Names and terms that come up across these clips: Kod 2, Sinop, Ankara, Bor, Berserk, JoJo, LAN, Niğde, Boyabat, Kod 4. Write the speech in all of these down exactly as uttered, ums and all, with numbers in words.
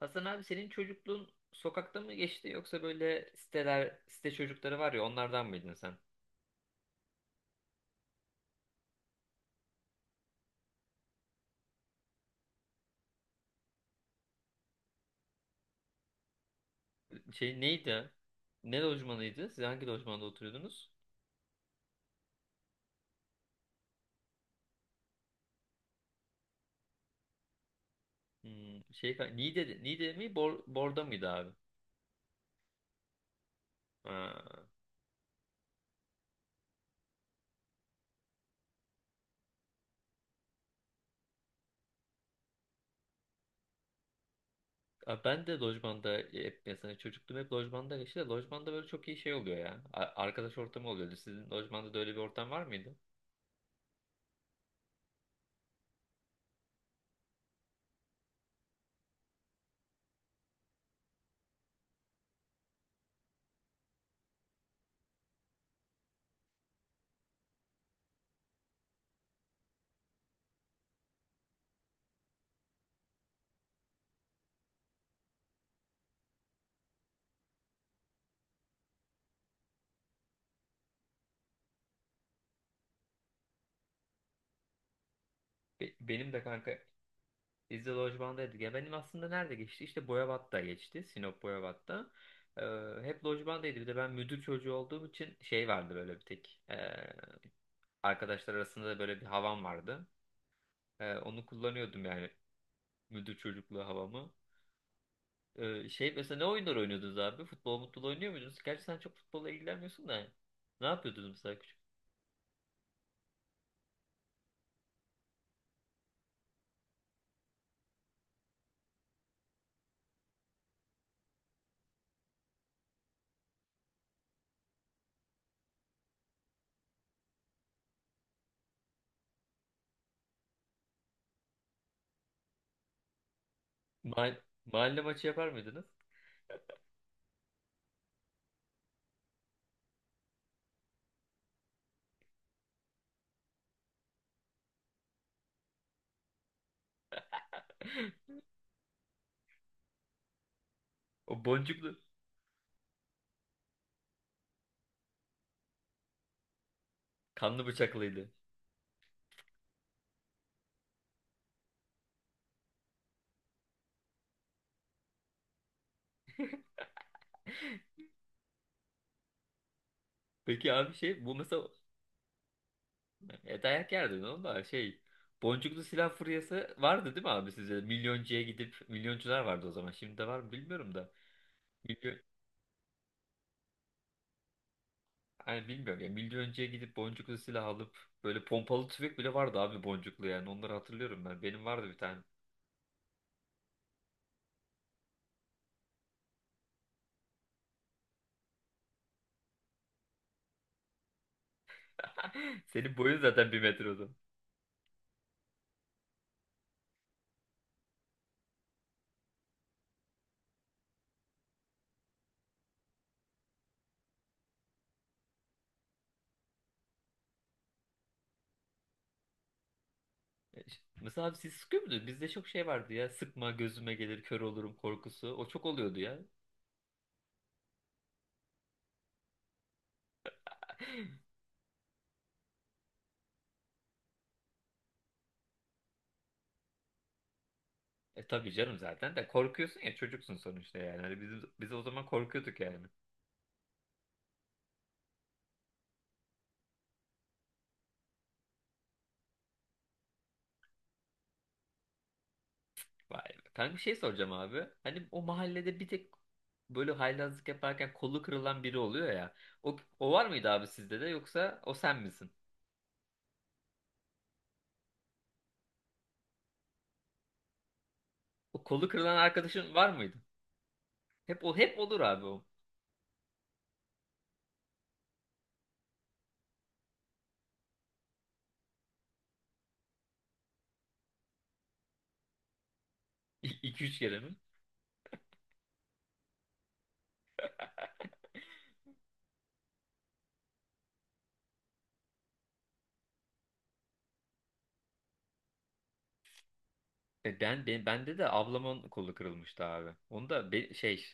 Hasan abi senin çocukluğun sokakta mı geçti yoksa böyle siteler, site çocukları var ya onlardan mıydın sen? Şey neydi? Ne lojmanıydı? Siz hangi lojmanda oturuyordunuz? Hmm, şey, Niğde, Niğde mi? Bor, Bor'da mıydı abi? Ha. Abi ben de lojmanda hep mesela çocukluğum hep lojmanda geçti de lojmanda böyle çok iyi şey oluyor ya. A- Arkadaş ortamı oluyordu. Sizin lojmanda da öyle bir ortam var mıydı? Be- benim de kanka, biz de lojmandaydık. Ya benim aslında nerede geçti? İşte Boyabat'ta geçti. Sinop Boyabat'ta. Ee, Hep lojmandaydı. Bir de ben müdür çocuğu olduğum için şey vardı böyle bir tek. Ee, arkadaşlar arasında da böyle bir havam vardı. Ee, onu kullanıyordum yani. Müdür çocukluğu havamı. Ee, şey mesela ne oyunlar oynuyordunuz abi? Futbol mutlu oynuyor muydunuz? Gerçi sen çok futbolla ilgilenmiyorsun da. Ne yapıyordunuz mesela küçük? Mahall- mahalle maçı yapar mıydınız? O boncuklu, kanlı bıçaklıydı. Peki abi şey bu mesela, e dayak yerdin oğlum da şey. Boncuklu silah furyası vardı değil mi abi size? Milyoncuya gidip milyoncular vardı o zaman. Şimdi de var mı bilmiyorum da. Milyon, hani bilmiyorum ya. Milyoncuya gidip boncuklu silah alıp böyle pompalı tüfek bile vardı abi, boncuklu yani. Onları hatırlıyorum ben. Benim vardı bir tane. Senin boyun zaten bir metre o zaman. E, ş- Mesela abi siz sıkıyor muydunuz? Bizde çok şey vardı ya. Sıkma, gözüme gelir kör olurum korkusu. O çok oluyordu ya. E tabii canım, zaten de korkuyorsun ya, çocuksun sonuçta yani. Hani bizim, biz o zaman korkuyorduk yani. Vay be. Kanka bir şey soracağım abi. Hani o mahallede bir tek böyle haylazlık yaparken kolu kırılan biri oluyor ya. O, o var mıydı abi sizde de yoksa o sen misin? O kolu kırılan arkadaşın var mıydı? Hep o, hep olur abi o. iki üç kere mi? E ben, ben bende de ablamın kolu kırılmıştı abi. Onu da be- şey,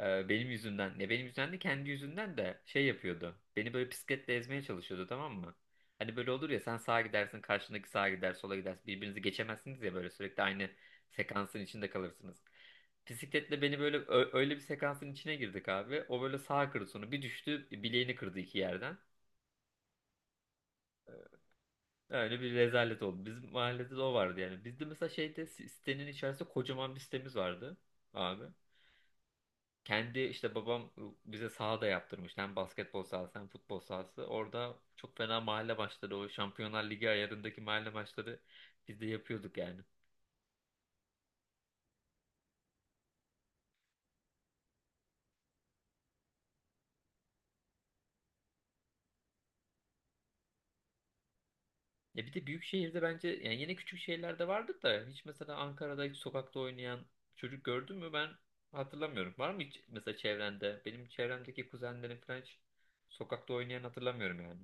Ee, benim yüzümden, ne benim yüzümden de kendi yüzünden de şey yapıyordu. Beni böyle bisikletle ezmeye çalışıyordu, tamam mı? Hani böyle olur ya, sen sağa gidersin karşındaki sağa gider, sola gidersin, birbirinizi geçemezsiniz ya, böyle sürekli aynı sekansın içinde kalırsınız. Bisikletle beni böyle ö- öyle bir sekansın içine girdik abi. O böyle sağa kırdı, sonra bir düştü, bileğini kırdı iki yerden. Öyle bir rezalet oldu. Bizim mahallede de o vardı yani. Bizde mesela şeyde, si, sitenin içerisinde kocaman bir sitemiz vardı abi. Kendi işte babam bize saha da yaptırmış. Hem basketbol sahası hem futbol sahası. Orada çok fena mahalle maçları, o Şampiyonlar Ligi ayarındaki mahalle maçları biz de yapıyorduk yani. Ya bir de büyük şehirde bence, yani yine küçük şehirlerde vardır da, hiç mesela Ankara'da hiç sokakta oynayan çocuk gördün mü, ben hatırlamıyorum. Var mı hiç mesela çevrende? Benim çevremdeki kuzenlerim falan hiç sokakta oynayan hatırlamıyorum yani.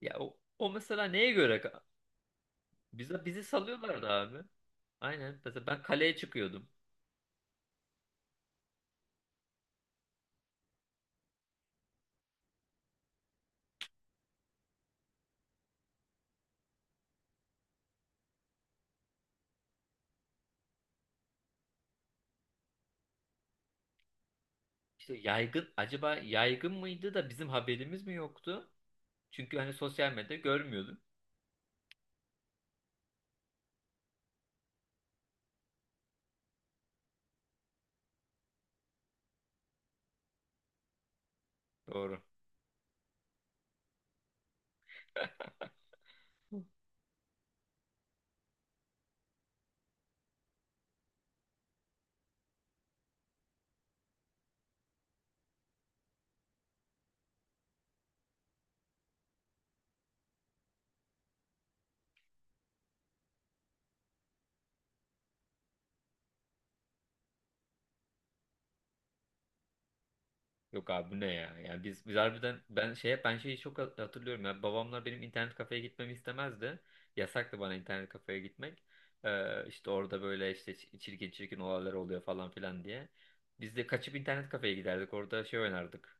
Ya o, o mesela neye göre? Bize, bizi salıyorlardı abi. Aynen. Mesela ben kaleye çıkıyordum. İşte yaygın, acaba yaygın mıydı da bizim haberimiz mi yoktu? Çünkü hani sosyal medyada görmüyordum. Doğru. Yok abi bu ne ya? Yani biz biz harbiden ben şeye ben şeyi çok hat- hatırlıyorum ya. Babamlar benim internet kafeye gitmemi istemezdi. Yasaktı bana internet kafeye gitmek. Ee, işte orada böyle işte ç- çirkin çirkin olaylar oluyor falan filan diye. Biz de kaçıp internet kafeye giderdik. Orada şey oynardık.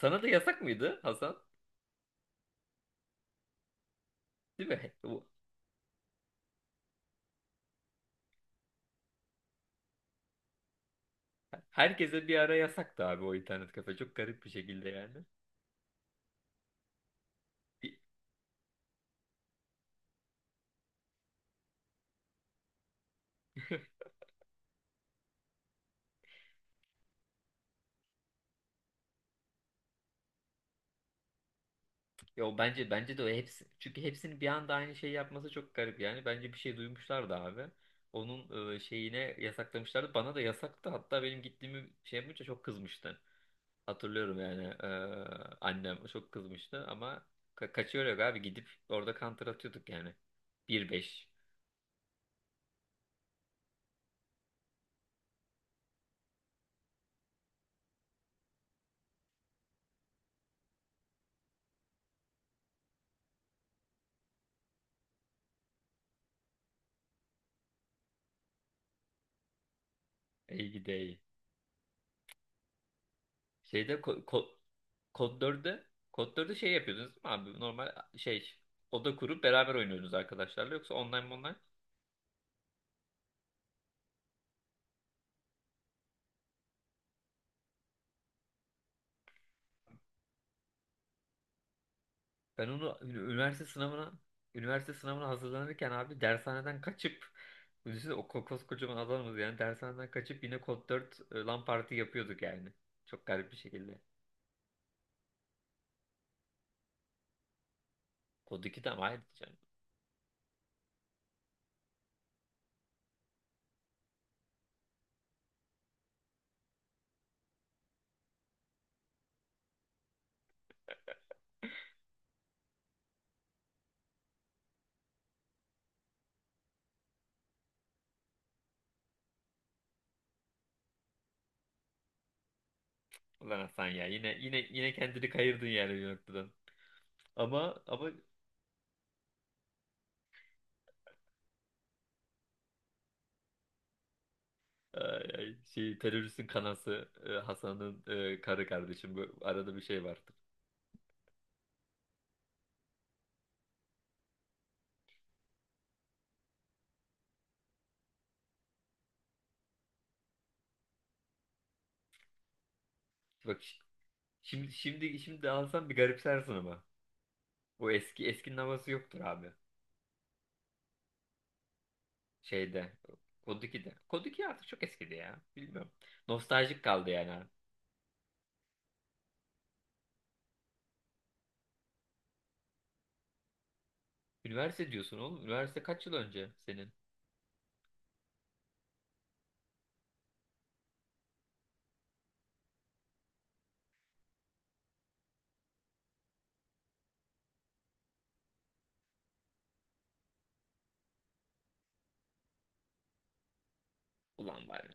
Sana da yasak mıydı Hasan? Değil mi? Bu- herkese bir ara yasaktı abi o internet kafe. Çok garip bir şekilde yani. Yo bence bence de o hepsi, çünkü hepsinin bir anda aynı şeyi yapması çok garip yani. Bence bir şey duymuşlardı abi. Onun e, şeyine yasaklamışlardı. Bana da yasaktı. Hatta benim gittiğimi şey yapınca çok kızmıştı. Hatırlıyorum yani, e, annem çok kızmıştı ama ka, kaçıyor yok abi, gidip orada counter atıyorduk yani. Bir beş, İyi gidey. Şeyde, ko ko Kod dörtte, Kod dörtte şey yapıyordunuz değil mi abi? Normal şey, oda kurup beraber oynuyordunuz arkadaşlarla, yoksa online mi online? Ben onu ün- üniversite sınavına üniversite sınavına hazırlanırken abi dershaneden kaçıp, düşünsene o ko- koskocaman adamız yani, dershaneden kaçıp yine kod dört e, LAN parti yapıyorduk yani. Çok garip bir şekilde. Kod iki de ama haydi canım. Ulan Hasan ya, yine yine yine kendini kayırdın yani bir noktadan. Ama ama ay, ay, şey teröristin kanası, e, Hasan'ın, e, karı kardeşim bu arada, bir şey vardır. Bak şi- şimdi şimdi şimdi alsan bir garipsersin ama. Bu eski eskinin havası yoktur abi. Şeyde. Kod ikide. Kod iki artık çok eskidi ya. Bilmiyorum. Nostaljik kaldı yani. Üniversite diyorsun oğlum. Üniversite kaç yıl önce senin? Ulan var ya.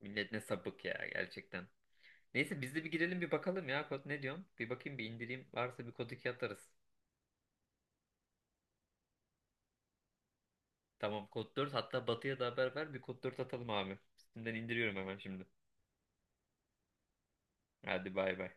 Millet ne sapık ya, gerçekten. Neyse biz de bir girelim bir bakalım ya. Kod ne diyorsun? Bir bakayım bir indireyim. Varsa bir kod iki atarız. Tamam, kod dört, hatta Batı'ya da haber ver. Bir kod dört atalım abi. Üstünden indiriyorum hemen şimdi. Hadi bay bay.